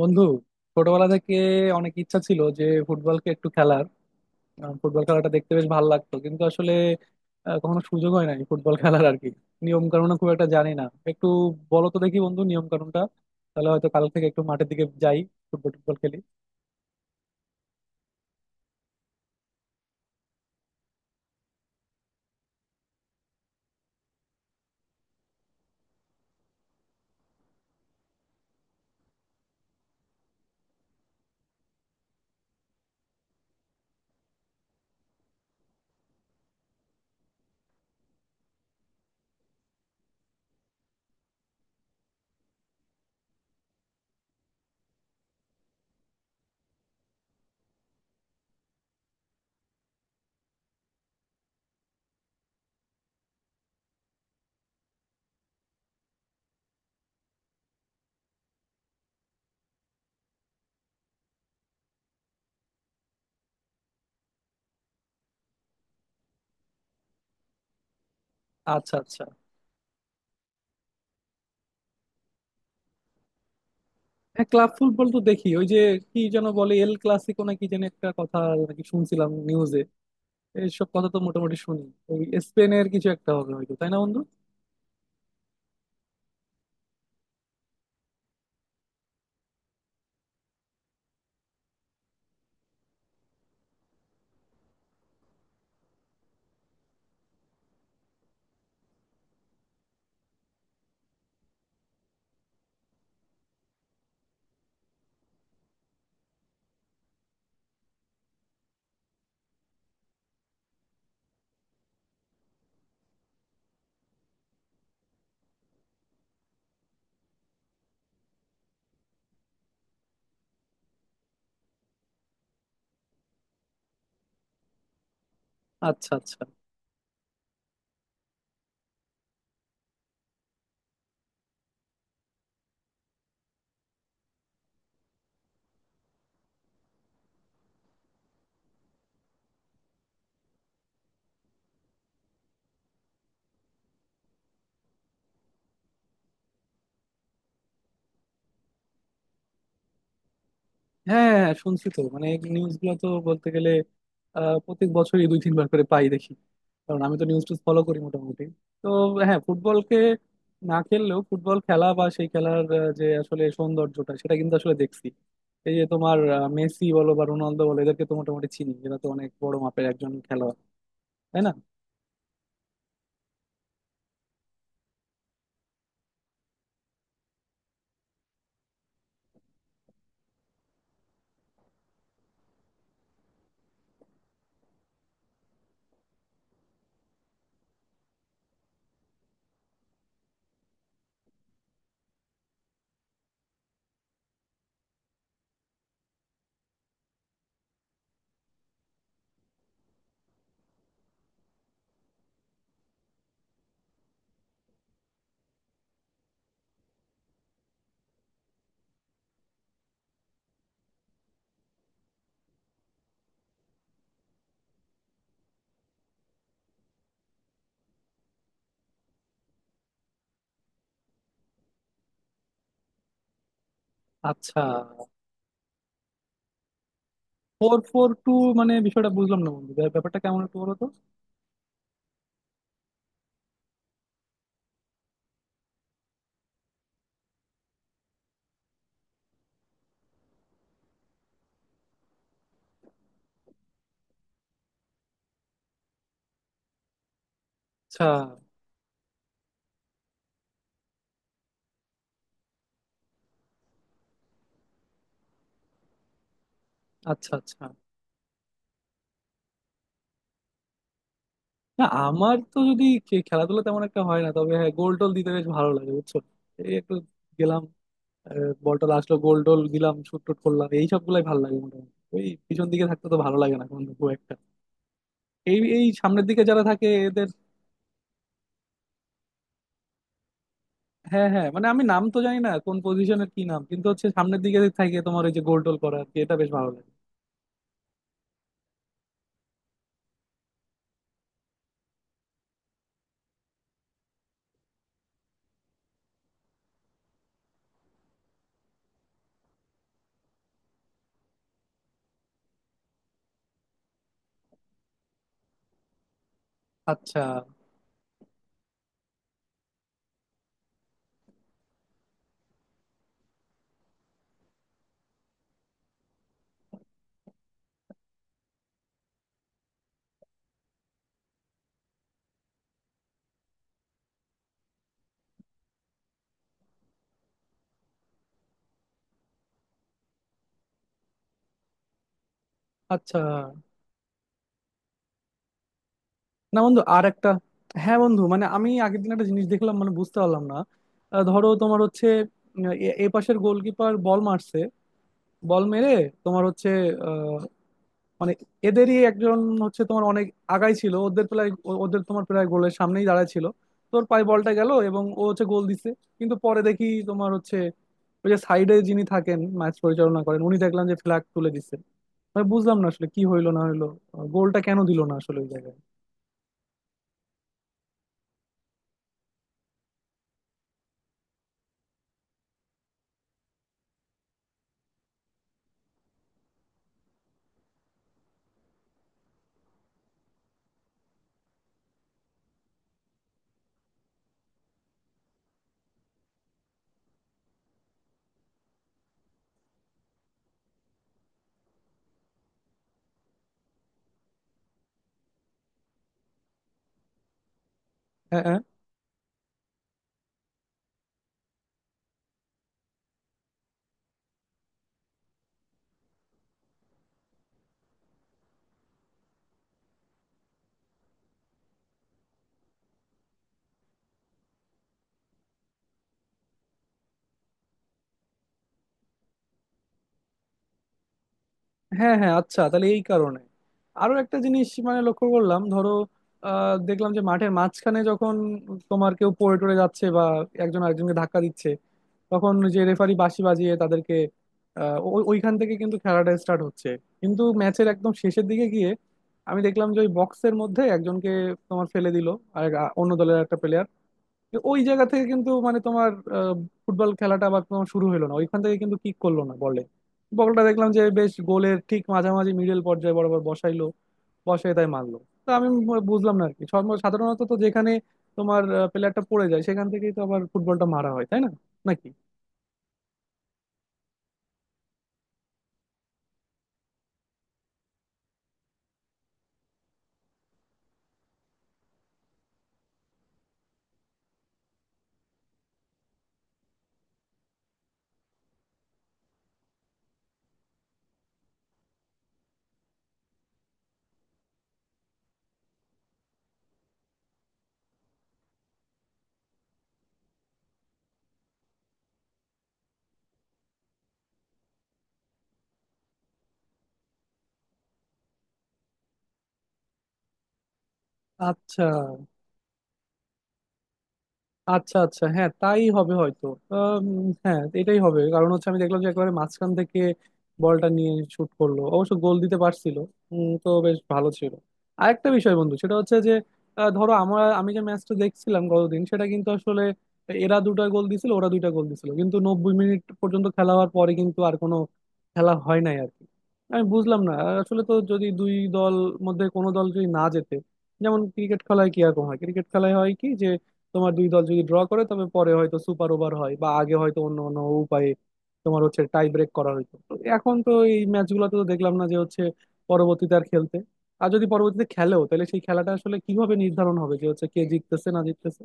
বন্ধু, ছোটবেলা থেকে অনেক ইচ্ছা ছিল যে ফুটবলকে একটু খেলার। ফুটবল খেলাটা দেখতে বেশ ভালো লাগতো, কিন্তু আসলে কখনো সুযোগ হয় নাই ফুটবল খেলার আর কি। নিয়ম কানুন খুব একটা জানি না। একটু বলো তো দেখি বন্ধু নিয়ম কানুনটা, তাহলে হয়তো কাল থেকে একটু মাঠের দিকে যাই, ফুটবল টুটবল খেলি। আচ্ছা, আচ্ছা। হ্যাঁ, ক্লাব ফুটবল তো দেখি। ওই যে কি যেন বলে, এল ক্লাসিকো নাকি যেন একটা কথা, নাকি শুনছিলাম নিউজে। এইসব কথা তো মোটামুটি শুনি। ওই স্পেনের কিছু একটা হবে হয়তো, তাই না বন্ধু? আচ্ছা, আচ্ছা। হ্যাঁ, হ্যাঁ, হ্যাঁ, শুনছি তো। মানে নিউজ গুলো তো বলতে গেলে প্রত্যেক বছরই দুই তিনবার করে পাই, দেখি। কারণ আমি তো নিউজ টুজ ফলো করি মোটামুটি। তো হ্যাঁ, ফুটবলকে না খেললেও ফুটবল খেলা বা সেই খেলার যে আসলে সৌন্দর্যটা, সেটা কিন্তু আসলে দেখছি। এই যে তোমার মেসি বলো বা রোনালদো বলো, এদেরকে তো মোটামুটি চিনি। এরা তো অনেক বড় মাপের একজন খেলোয়াড়, তাই না? আচ্ছা, ফোর ফোর টু মানে বিষয়টা বুঝলাম না বন্ধু, ব্যাপারটা কেমন একটু বলো তো। আচ্ছা, আচ্ছা, আচ্ছা। না, আমার তো যদি খেলাধুলা তেমন একটা হয় না, তবে হ্যাঁ গোল টোল দিতে বেশ ভালো লাগে বুঝছো। এই একটু গেলাম, বল টল আসলো, গোল টোল দিলাম, শুট টুট করলাম, এই সব গুলাই ভালো লাগে মোটামুটি। ওই পিছন দিকে থাকতে তো ভালো লাগে না কোনো, খুব একটা। এই এই সামনের দিকে যারা থাকে এদের। হ্যাঁ, হ্যাঁ, মানে আমি নাম তো জানি না কোন পজিশনের কি নাম, কিন্তু হচ্ছে সামনের দিকে থাকে তোমার ওই যে গোল টোল করা আর কি, এটা বেশ ভালো লাগে। আচ্ছা, আচ্ছা। না বন্ধু, আর একটা। হ্যাঁ বন্ধু, মানে আমি আগের দিন একটা জিনিস দেখলাম, মানে বুঝতে পারলাম না। ধরো তোমার হচ্ছে এ এ পাশের গোলকিপার বল মারছে। বল মেরে তোমার হচ্ছে আহ, মানে এদেরই একজন হচ্ছে তোমার অনেক আগাই ছিল, ওদের প্রায় ওদের তোমার প্রায় গোলের সামনেই দাঁড়ায় ছিল। তোর পায়ে বলটা গেল এবং ও হচ্ছে গোল দিছে। কিন্তু পরে দেখি তোমার হচ্ছে ওই যে সাইডে যিনি থাকেন ম্যাচ পরিচালনা করেন, উনি দেখলাম যে ফ্ল্যাগ তুলে দিছে। আমি বুঝলাম না আসলে কি হইলো না হইলো, গোলটা কেন দিল না আসলে ওই জায়গায়। হ্যাঁ, হ্যাঁ। হ্যাঁ, হ্যাঁ, আচ্ছা তাহলে এই কারণে। আরো একটা জিনিস মানে লক্ষ্য করলাম। ধরো দেখলাম যে মাঠের মাঝখানে যখন তোমার কেউ পড়ে টরে যাচ্ছে বা একজন আরেকজনকে ধাক্কা দিচ্ছে, তখন যে রেফারি বাঁশি বাজিয়ে তাদেরকে ওইখান থেকে কিন্তু খেলাটা স্টার্ট হচ্ছে। কিন্তু ম্যাচের একদম শেষের দিকে গিয়ে আমি দেখলাম যে ওই বক্সের মধ্যে একজনকে তোমার ফেলে দিল আর অন্য দলের একটা প্লেয়ার। ওই জায়গা থেকে কিন্তু মানে তোমার আহ, ফুটবল খেলাটা আবার তোমার শুরু হলো না ওইখান থেকে, কিন্তু কিক করলো না বলে। বলটা দেখলাম যে বেশ গোলের ঠিক মাঝামাঝি মিডল পর্যায়ে বরাবর বসাইলো, বসে তাই মারলো। তো আমি বুঝলাম না আর কি। সাধারণত তো যেখানে তোমার প্লেয়ারটা পড়ে যায়, সেখান থেকেই তো আবার ফুটবলটা মারা হয়, তাই না? নাকি? আচ্ছা, আচ্ছা, আচ্ছা। হ্যাঁ তাই হবে হয়তো। আম, হ্যাঁ এটাই হবে, কারণ হচ্ছে আমি দেখলাম যে একেবারে মাঝখান থেকে বলটা নিয়ে শুট করলো, অবশ্য গোল দিতে পারছিল। তো বেশ ভালো ছিল। আরেকটা বিষয় বন্ধু, সেটা হচ্ছে যে ধরো আমি যে ম্যাচটা দেখছিলাম গতদিন, সেটা কিন্তু আসলে এরা দুটা গোল দিছিল ওরা দুইটা গোল দিছিল, কিন্তু 90 মিনিট পর্যন্ত খেলা হওয়ার পরে কিন্তু আর কোনো খেলা হয় নাই আর কি। আমি বুঝলাম না। আসলে তো যদি দুই দল মধ্যে কোনো দল যদি না জেতে, যেমন ক্রিকেট খেলায় কি রকম হয়, ক্রিকেট খেলায় হয় কি যে তোমার দুই দল যদি ড্র করে তবে পরে হয়তো সুপার ওভার হয়, বা আগে হয়তো অন্য অন্য উপায়ে তোমার হচ্ছে টাই ব্রেক করা হইতো। তো এখন তো এই ম্যাচগুলোতে তো দেখলাম না যে হচ্ছে পরবর্তীতে আর খেলতে। আর যদি পরবর্তীতে খেলেও তাহলে সেই খেলাটা আসলে কিভাবে নির্ধারণ হবে যে হচ্ছে কে জিততেছে না জিততেছে?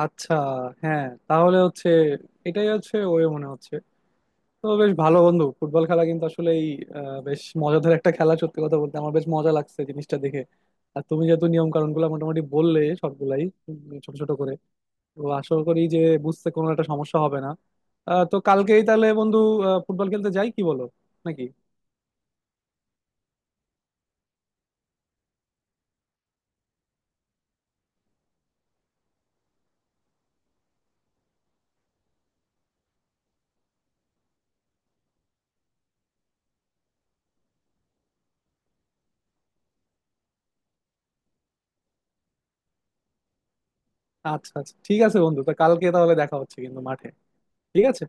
আচ্ছা, হ্যাঁ তাহলে হচ্ছে এটাই হচ্ছে ওয়ে মনে হচ্ছে। তো বেশ ভালো বন্ধু, ফুটবল খেলা কিন্তু আসলে এই বেশ মজাদার একটা খেলা। সত্যি কথা বলতে আমার বেশ মজা লাগছে জিনিসটা দেখে। আর তুমি যেহেতু নিয়ম কানুন গুলো মোটামুটি বললে সবগুলাই উম, ছোট ছোট করে, তো আশা করি যে বুঝতে কোনো একটা সমস্যা হবে না। তো কালকেই তাহলে বন্ধু ফুটবল খেলতে যাই, কি বলো? নাকি? আচ্ছা, আচ্ছা, ঠিক আছে বন্ধু। তো কালকে তাহলে দেখা হচ্ছে কিন্তু মাঠে। ঠিক আছে।